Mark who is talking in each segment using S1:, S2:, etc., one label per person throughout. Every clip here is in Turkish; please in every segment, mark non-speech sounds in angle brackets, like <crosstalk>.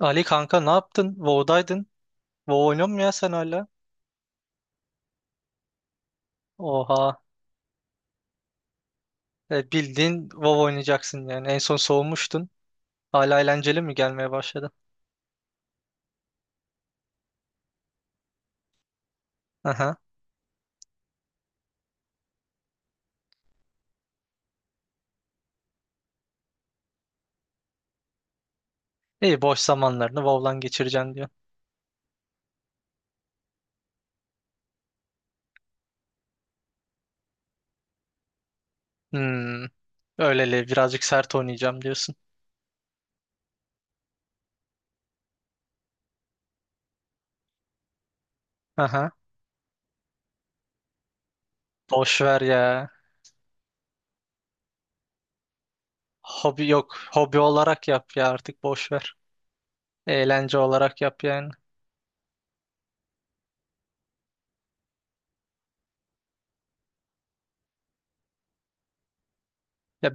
S1: Ali kanka ne yaptın? WoW'daydın. WoW oynuyor musun ya sen hala? Oha. Bildiğin WoW oynayacaksın yani. En son soğumuştun. Hala eğlenceli mi gelmeye başladı? Aha. İyi, boş zamanlarını WoW'lan geçireceksin diyor. Hmm. Öyleli birazcık sert oynayacağım diyorsun. Aha. Boş ver ya. Hobi yok. Hobi olarak yap ya, artık boş ver. Eğlence olarak yap yani. Ya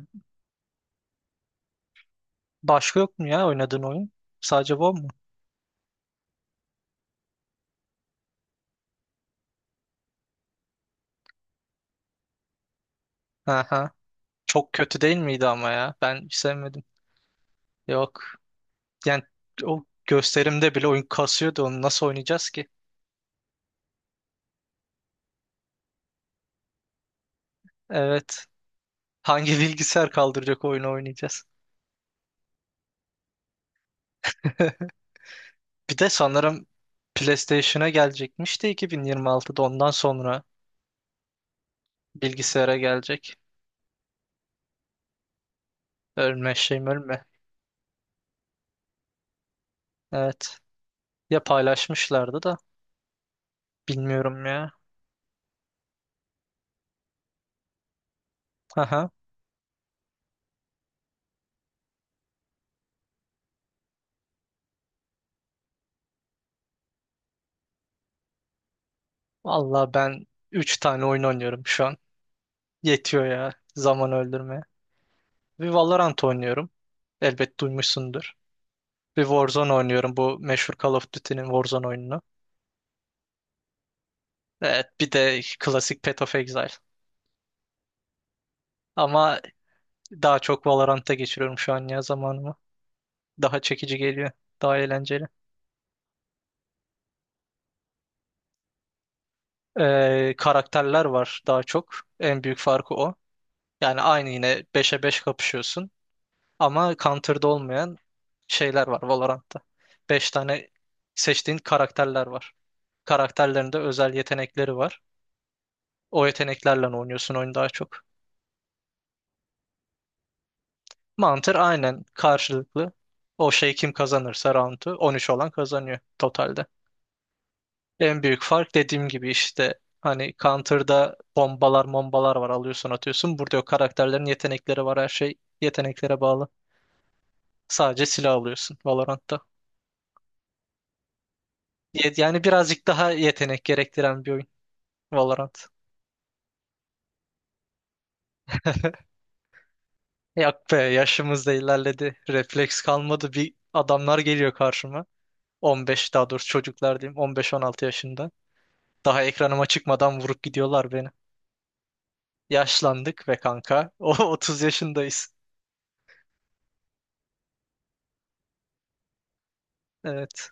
S1: başka yok mu ya oynadığın oyun? Sadece WoW mu? Aha. Çok kötü değil miydi ama ya? Ben hiç sevmedim. Yok. Yani o gösterimde bile oyun kasıyordu, onu nasıl oynayacağız ki? Evet. Hangi <laughs> bilgisayar kaldıracak oyunu oynayacağız? <laughs> Bir de sanırım PlayStation'a gelecekmiş de 2026'da, ondan sonra bilgisayara gelecek. Ölme şeyim ölme. Evet. Ya paylaşmışlardı da bilmiyorum ya. Aha. Vallahi ben üç tane oyun oynuyorum şu an. Yetiyor ya zaman öldürmeye. Bir Valorant oynuyorum. Elbet duymuşsundur. Bir Warzone oynuyorum, bu meşhur Call of Duty'nin Warzone oyununu. Evet, bir de klasik Path of Exile. Ama daha çok Valorant'ta geçiriyorum şu an ya zamanımı. Daha çekici geliyor. Daha eğlenceli. Karakterler var daha çok. En büyük farkı o. Yani aynı, yine beşe 5 kapışıyorsun. Ama Counter'da olmayan şeyler var Valorant'ta. 5 tane seçtiğin karakterler var. Karakterlerinde özel yetenekleri var. O yeteneklerle oynuyorsun oyunu daha çok. Mantar aynen karşılıklı. O şey, kim kazanırsa roundu 13 olan kazanıyor totalde. En büyük fark dediğim gibi işte, hani Counter'da bombalar mombalar var, alıyorsun atıyorsun. Burada yok, karakterlerin yetenekleri var, her şey yeteneklere bağlı. Sadece silah alıyorsun Valorant'ta. Yani birazcık daha yetenek gerektiren bir oyun Valorant. <laughs> Yak be, yaşımız da ilerledi. Refleks kalmadı. Bir adamlar geliyor karşıma. 15, daha doğrusu çocuklar diyeyim, 15-16 yaşında. Daha ekranıma çıkmadan vurup gidiyorlar beni. Yaşlandık ve kanka. <laughs> O 30 yaşındayız. Evet.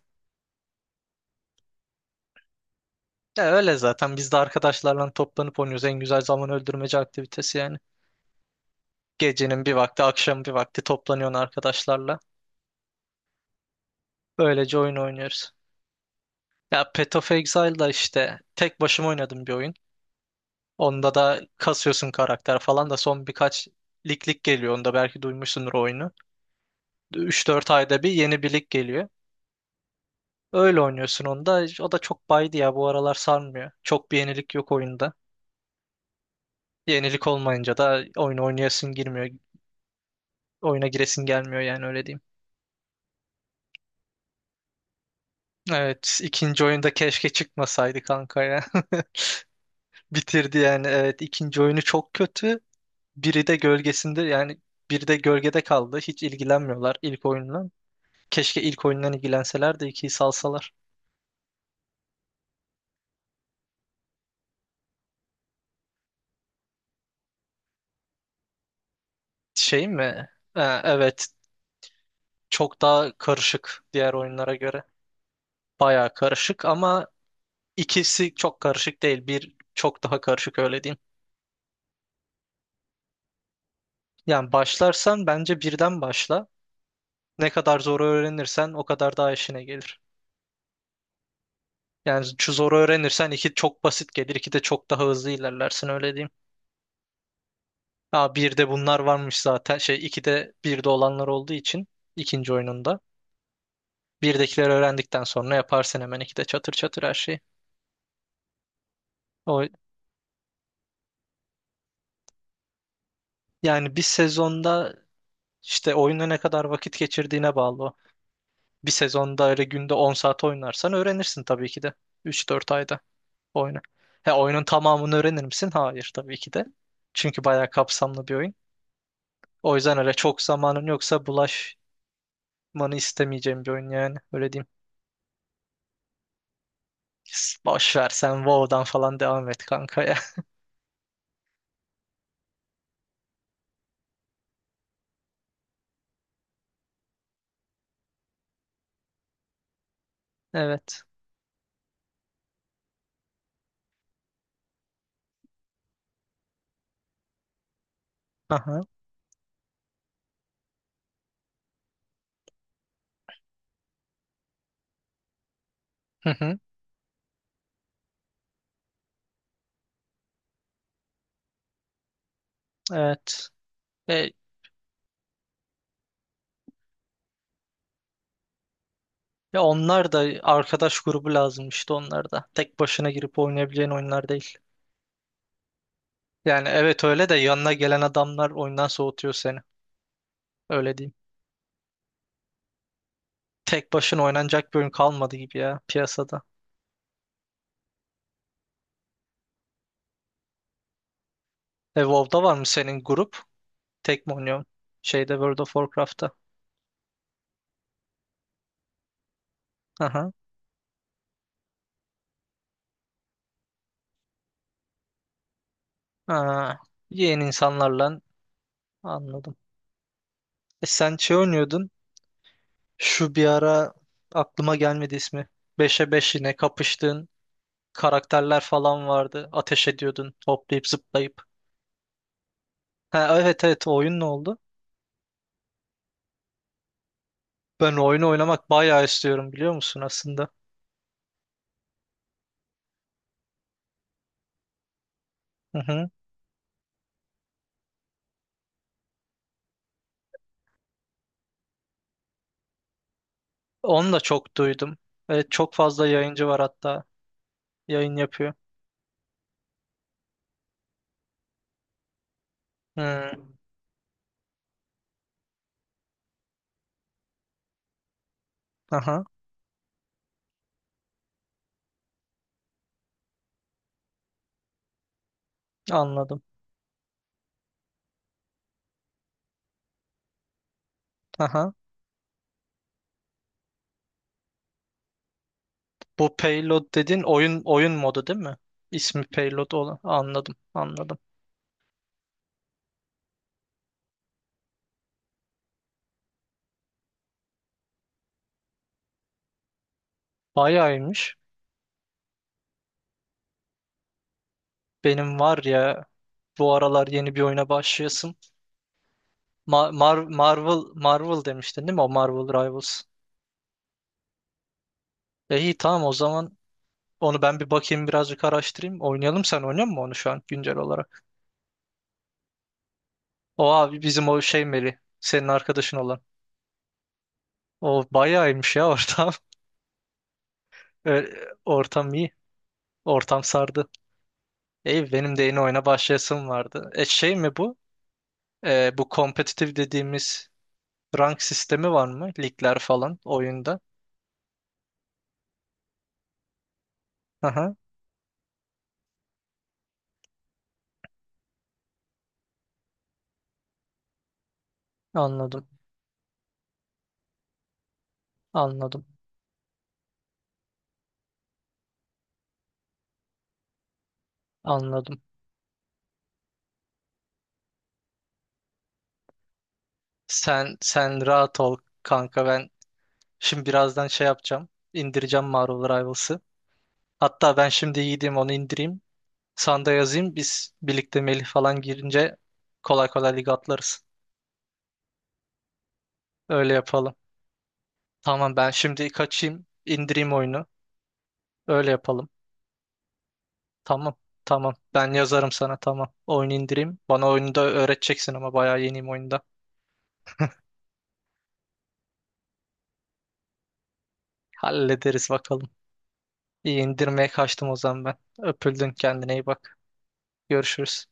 S1: Ya öyle zaten, biz de arkadaşlarla toplanıp oynuyoruz. En güzel zaman öldürmece aktivitesi yani. Gecenin bir vakti, akşam bir vakti toplanıyorsun arkadaşlarla. Böylece oyun oynuyoruz. Ya Path of Exile'da işte tek başıma oynadım bir oyun. Onda da kasıyorsun karakter falan, da son birkaç lig geliyor. Onda belki duymuşsundur oyunu. Üç dört ayda bir yeni bir lig geliyor. Öyle oynuyorsun onda. O da çok baydı ya, bu aralar sarmıyor. Çok bir yenilik yok oyunda. Yenilik olmayınca da oyunu oynayasın girmiyor. Oyuna giresin gelmiyor yani, öyle diyeyim. Evet, ikinci oyunda keşke çıkmasaydı kanka ya. <laughs> Bitirdi yani, evet ikinci oyunu çok kötü. Biri de gölgesinde yani, biri de gölgede kaldı. Hiç ilgilenmiyorlar ilk oyunla. Keşke ilk oyundan ilgilenseler de ikiyi salsalar. Şey mi? Evet, çok daha karışık diğer oyunlara göre. Bayağı karışık ama İkisi çok karışık değil. Bir çok daha karışık, öyle diyeyim. Yani başlarsan bence birden başla. Ne kadar zor öğrenirsen o kadar daha işine gelir. Yani şu zoru öğrenirsen iki çok basit gelir. İki de çok daha hızlı ilerlersin, öyle diyeyim. Aa, bir de bunlar varmış zaten. Şey, iki de bir de olanlar olduğu için ikinci oyununda. Birdekileri öğrendikten sonra yaparsın hemen iki de çatır çatır her şeyi. O, yani bir sezonda işte oyuna ne kadar vakit geçirdiğine bağlı o. Bir sezonda öyle günde 10 saat oynarsan öğrenirsin tabii ki de. Üç dört ayda oyunu. He, oyunun tamamını öğrenir misin? Hayır, tabii ki de. Çünkü bayağı kapsamlı bir oyun. O yüzden öyle çok zamanın yoksa bulaşmanı istemeyeceğim bir oyun yani. Öyle diyeyim. Boş ver sen WoW'dan falan devam et kanka ya. <laughs> Evet. Aha. Hı hı. Evet. E, ya onlar da arkadaş grubu lazım işte, onlar da. Tek başına girip oynayabileceğin oyunlar değil. Yani evet, öyle de yanına gelen adamlar oyundan soğutuyor seni. Öyle diyeyim. Tek başına oynanacak bir oyun kalmadı gibi ya piyasada. E, WoW'da var mı senin grup? Tek mi oynuyorsun? Şeyde, World of Warcraft'ta. Aha. Aa, yeni insanlarla anladım. E, sen şey oynuyordun. Şu bir ara aklıma gelmedi ismi. Beşe 5 yine kapıştığın karakterler falan vardı. Ateş ediyordun hoplayıp zıplayıp. Ha, evet evet, o oyun ne oldu? Ben o oyunu oynamak bayağı istiyorum biliyor musun aslında? Hı hı. Onu da çok duydum. Evet, çok fazla yayıncı var hatta. Yayın yapıyor. Hmm. Aha, anladım. Aha. Bu payload dedin, oyun modu değil mi? İsmi payload olan. Anladım, anladım. Bayağı iyiymiş. Benim var ya bu aralar yeni bir oyuna başlayasım. Marvel, Marvel demiştin değil mi? O Marvel Rivals. E iyi, tamam o zaman onu ben bir bakayım, birazcık araştırayım. Oynayalım, sen oynuyor musun onu şu an güncel olarak? O abi bizim, o şey Meli. Senin arkadaşın olan. O bayağı iyiymiş ya ortam. <laughs> Ortam iyi. Ortam sardı. İyi, benim de yeni oyuna başlayasım vardı. E şey mi bu? E, bu kompetitif dediğimiz rank sistemi var mı? Ligler falan oyunda. Aha, anladım. Anladım. Anladım. Sen rahat ol kanka, ben şimdi birazdan şey yapacağım. İndireceğim Marvel Rivals'ı. Hatta ben şimdi gideyim onu indireyim. Sanda yazayım, biz birlikte Melih falan girince kolay kolay lig atlarız. Öyle yapalım. Tamam, ben şimdi kaçayım indireyim oyunu. Öyle yapalım. Tamam. Tamam. Ben yazarım sana, tamam. Oyun indireyim. Bana oyunu da öğreteceksin ama, bayağı yeniyim oyunda. Hallederiz bakalım. İyi, indirmeye kaçtım o zaman ben. Öpüldün, kendine iyi bak. Görüşürüz.